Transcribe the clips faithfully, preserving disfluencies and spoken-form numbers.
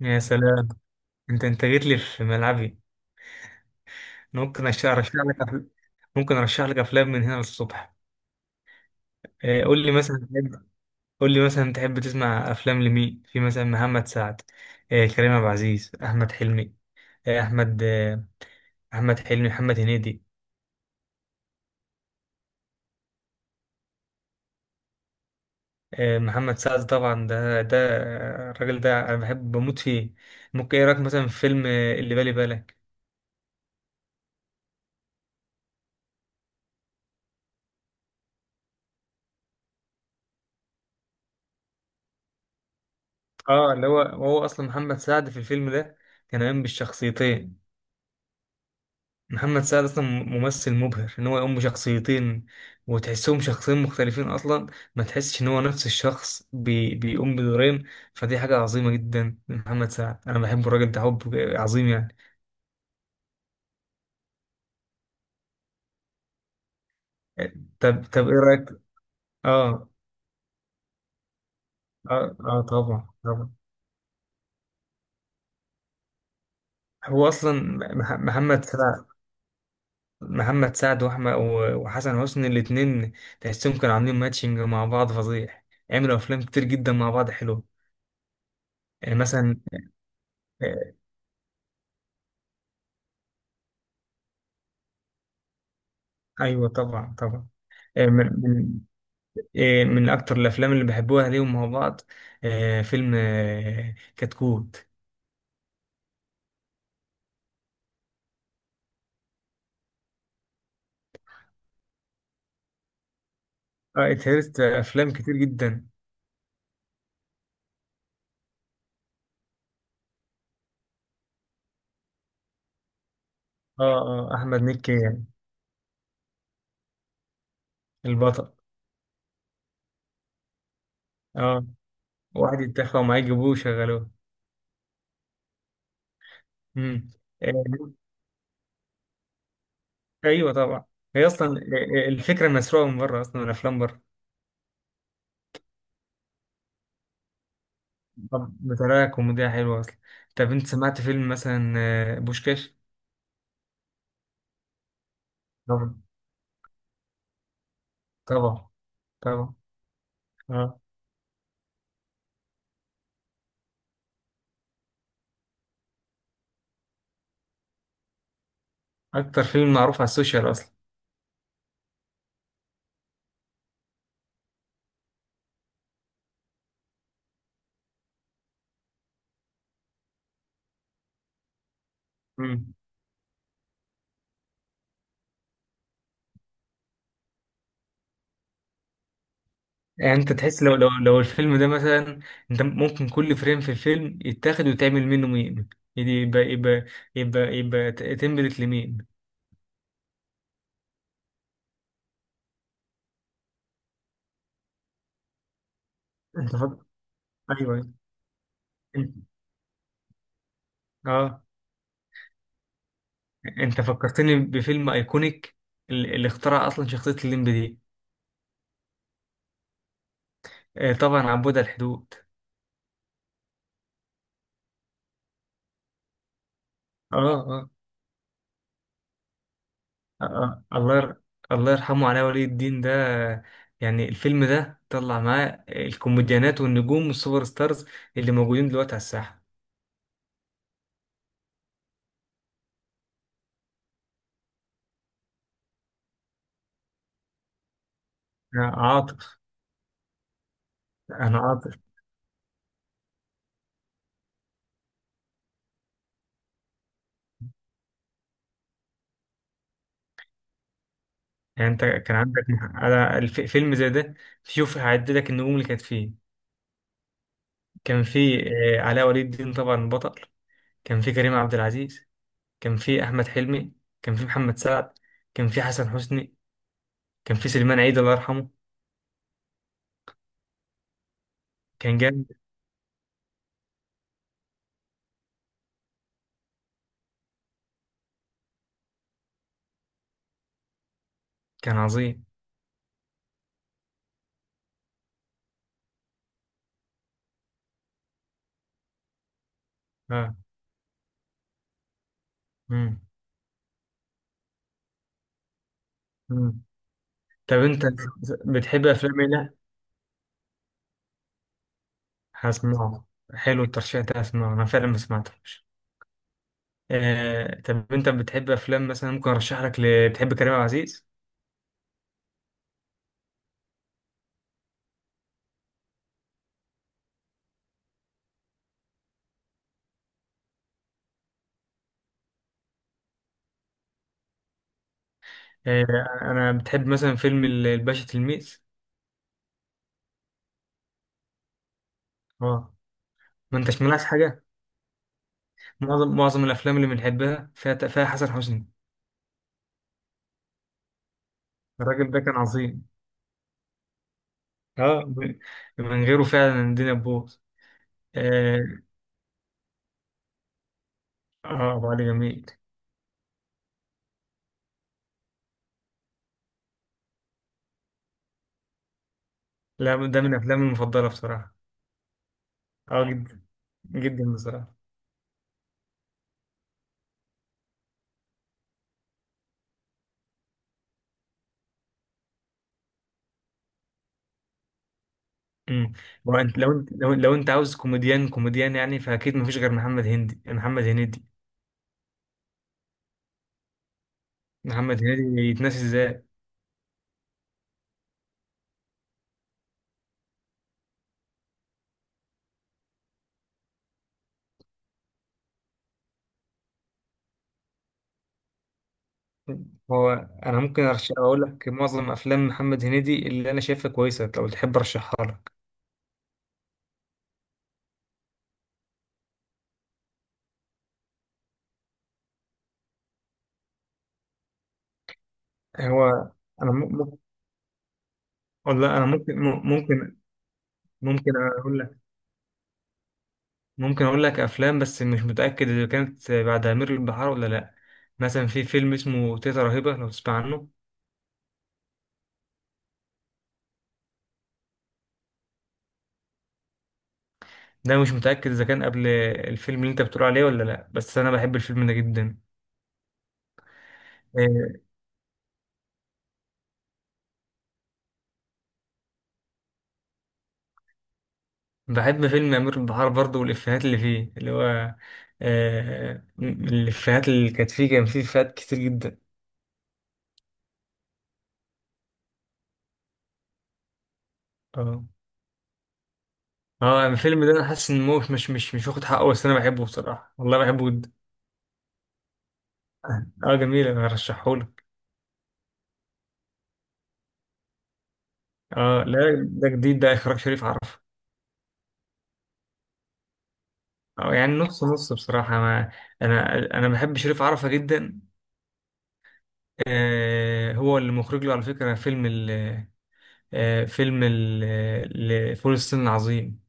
يا سلام. انت انت جيت لي في ملعبي. انا ممكن أش- ارشح لك أفل... ممكن ارشح لك افلام من هنا للصبح. آه، قول لي مثلا تحب، قول لي مثلا تحب تسمع افلام لمين، في مثلا محمد سعد، آه، كريم عبد العزيز، احمد حلمي، آه، احمد آه، احمد حلمي، محمد هنيدي. آه، محمد سعد طبعا، ده ده آه، الراجل ده انا بحب بموت فيه. ممكن ايه رايك مثلا في فيلم آه، اللي بالي بالك. اه، اللي هو هو اصلا محمد سعد في الفيلم ده كان قايم بالشخصيتين. محمد سعد اصلا ممثل مبهر ان هو يقوم بشخصيتين وتحسهم شخصين مختلفين اصلا، ما تحسش ان هو نفس الشخص بي بيقوم بدورين. فدي حاجه عظيمه جدا من محمد سعد، انا بحب الراجل ده حب عظيم يعني. طب طب ايه رايك؟ اه اه، اه طبعا طبعا. هو اصلا مح- محمد سعد، محمد سعد واحمد و- وحسن حسني الاتنين تحسهم كانوا عاملين ماتشنج مع بعض فظيع، عملوا افلام كتير جدا مع بعض حلوه. يعني مثلا، ايوه طبعا طبعا. آه، من من آه، من اكتر الافلام اللي بحبوها ليهم مع بعض آه، فيلم آه، كتكوت. اه، اتهرست افلام كتير جدا. اه اه، احمد مكي يعني، البطل. اه، واحد يتاخد ومعاه يجيبوه وشغلوه. امم. آه، ايوه طبعا. هي اصلا آه، آه، الفكره مسروقه من بره اصلا، من افلام بره. طب بطريقه كوميديه حلوه اصلا. طب انت سمعت فيلم مثلا آه، بوشكاش؟ طبعا طبعا طبعا. اه، اكتر فيلم معروف على السوشيال اصلا. مم. يعني انت تحس لو لو لو الفيلم ده مثلا، انت ممكن كل فريم في الفيلم يتاخد وتعمل منه ميم. يعني يبقى يبقى يبقى يبقى تمبلت لميم. انت فك... ايوه. انت... اه، انت فكرتني بفيلم ايكونيك، اللي اللي اخترع اصلا شخصية الليمب دي. آه طبعا، عبود على الحدود. اه اه, آه. آه. الله ير... الله يرحمه علاء ولي الدين ده. آه، يعني الفيلم ده طلع معاه الكوميديانات والنجوم والسوبر ستارز اللي موجودين دلوقتي على الساحة. آه، عاطف، انا عاطف. يعني انت كان عندك، انا الف- فيلم زي ده، شوف هعد لك النجوم اللي كانت فيه. كان فيه آه، علاء ولي الدين طبعا بطل، كان فيه كريم عبد العزيز، كان فيه احمد حلمي، كان فيه محمد سعد، كان فيه حسن حسني، كان فيه سليمان عيد الله يرحمه. كان جامد، كان عظيم. اه. مم. مم. طب انت بتحب افلام ايه؟ لا، هسمعه. حلو الترشيح ده، هسمعه انا فعلا ما سمعتوش. آه، طب انت بتحب افلام مثلا ممكن ارشح لك ل... بتحب كريم عبد العزيز؟ آه، انا بتحب مثلا فيلم ال- الباشا تلميذ. اه، ما انتش ملاحظ حاجه؟ معظم معظم الافلام اللي بنحبها فيها فيها حسن حسني. الراجل ده كان عظيم. اه، من من غيره فعلا الدنيا تبوظ. اه. آه، ابو علي جميل. لا، ده من افلامي المفضله بصراحه. اه جدا، جدا بصراحه. امم. وانت لو انت لو, لو انت عاوز كوميديان كوميديان يعني، فاكيد مفيش غير محمد هندي، محمد هنيدي. محمد هنيدي يتناسي ازاي؟ هو انا ممكن ارشح، اقول لك معظم افلام محمد هنيدي اللي انا شايفها كويسه لو تحب ارشحها لك. هو انا ممكن، والله انا ممكن م- ممكن ممكن اقول لك ممكن اقول لك افلام، بس مش متاكد اذا كانت بعد امير البحار ولا لا. مثلا في فيلم اسمه تيتا رهيبه لو تسمع عنه. ده مش متاكد اذا كان قبل الفيلم اللي انت بتقول عليه ولا لا، بس انا بحب الفيلم ده جدا. آه، بحب فيلم أمير البحار برضه والإفيهات اللي فيه، اللي هو آه الإفيهات اللي كانت فيه، كان فيه إفيهات كتير جدا. اه اه، الفيلم ده أنا حاسس إن هو مش مش مش واخد حقه، بس أنا بحبه بصراحة، والله بحبه جدا. اه جميل، أنا هرشحهولك. اه لا، ده جديد، ده إخراج شريف عرفة. اه يعني نص نص بصراحة. ما أنا أنا بحب شريف عرفة جدا. آه، هو اللي مخرج له على فكرة فيلم ال آه فيلم ال آه، ل- فول الصين العظيم.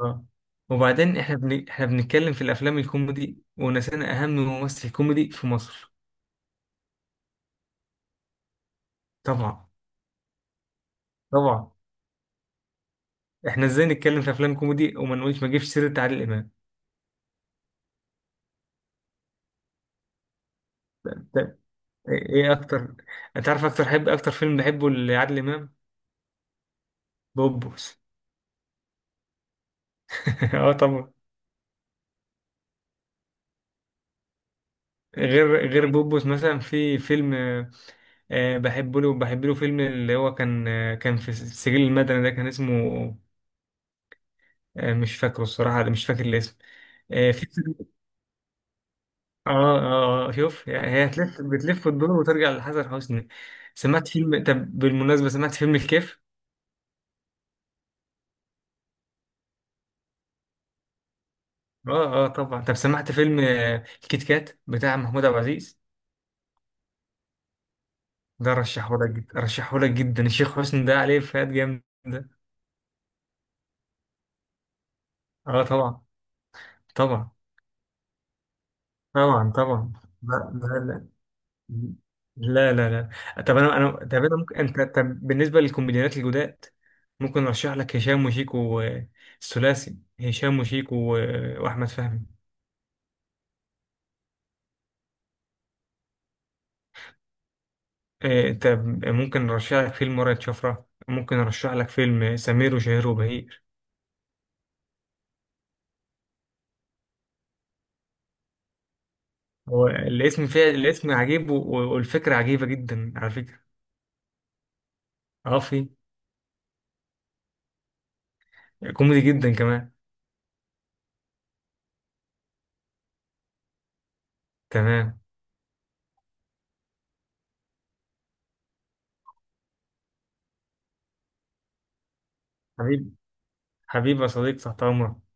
اه، وبعدين احنا بن... احنا بنتكلم في الافلام الكوميدي ونسينا اهم ممثل كوميدي في مصر. طبعا طبعا. احنا ازاي نتكلم في افلام كوميدي وما نقولش، ما نجيبش سيره عادل امام؟ طب ايه إيه اكتر، انت عارف اكتر حب، اكتر فيلم بحبه لعادل امام؟ بوبوس. اه طبعا. غير غير بوبوس مثلا في فيلم آه آه، بحبه له، بحب له فيلم اللي هو كان آه، كان في السجل المدني ده، كان اسمه آه، مش فاكره الصراحه، مش فاكر الاسم. آه، في. اه اه، شوف يعني، هي هتلف، بتلف وتدور وترجع لحسن حسني. سمعت فيلم، طب بالمناسبة سمعت فيلم الكيف؟ اه اه طبعا. طب سمعت فيلم آه، الكيت كات بتاع محمود عبد العزيز؟ ده رشحه لك جدا، رشحه لك جدا، الشيخ حسني ده عليه افيهات جامدة. اه طبعا طبعا طبعا. طبعا. لا لا. لا لا لا. لا، طب انا انا طب انا ممكن، انت طب بالنسبة للكوميديانات الجداد، ممكن ارشح لك هشام وشيكو، آه، الثلاثي هشام وشيكو آه، واحمد فهمي. إيه، انت ممكن نرشح لك فيلم ورقة شفرة، ممكن نرشح لك فيلم سمير وشهير وبهير. هو الاسم، فيه الاسم عجيب و- و- والفكرة عجيبة جدا على فكرة. اه في. كوميدي جدا كمان. تمام. حبيب، حبيبي يا صديق، تحت امرك.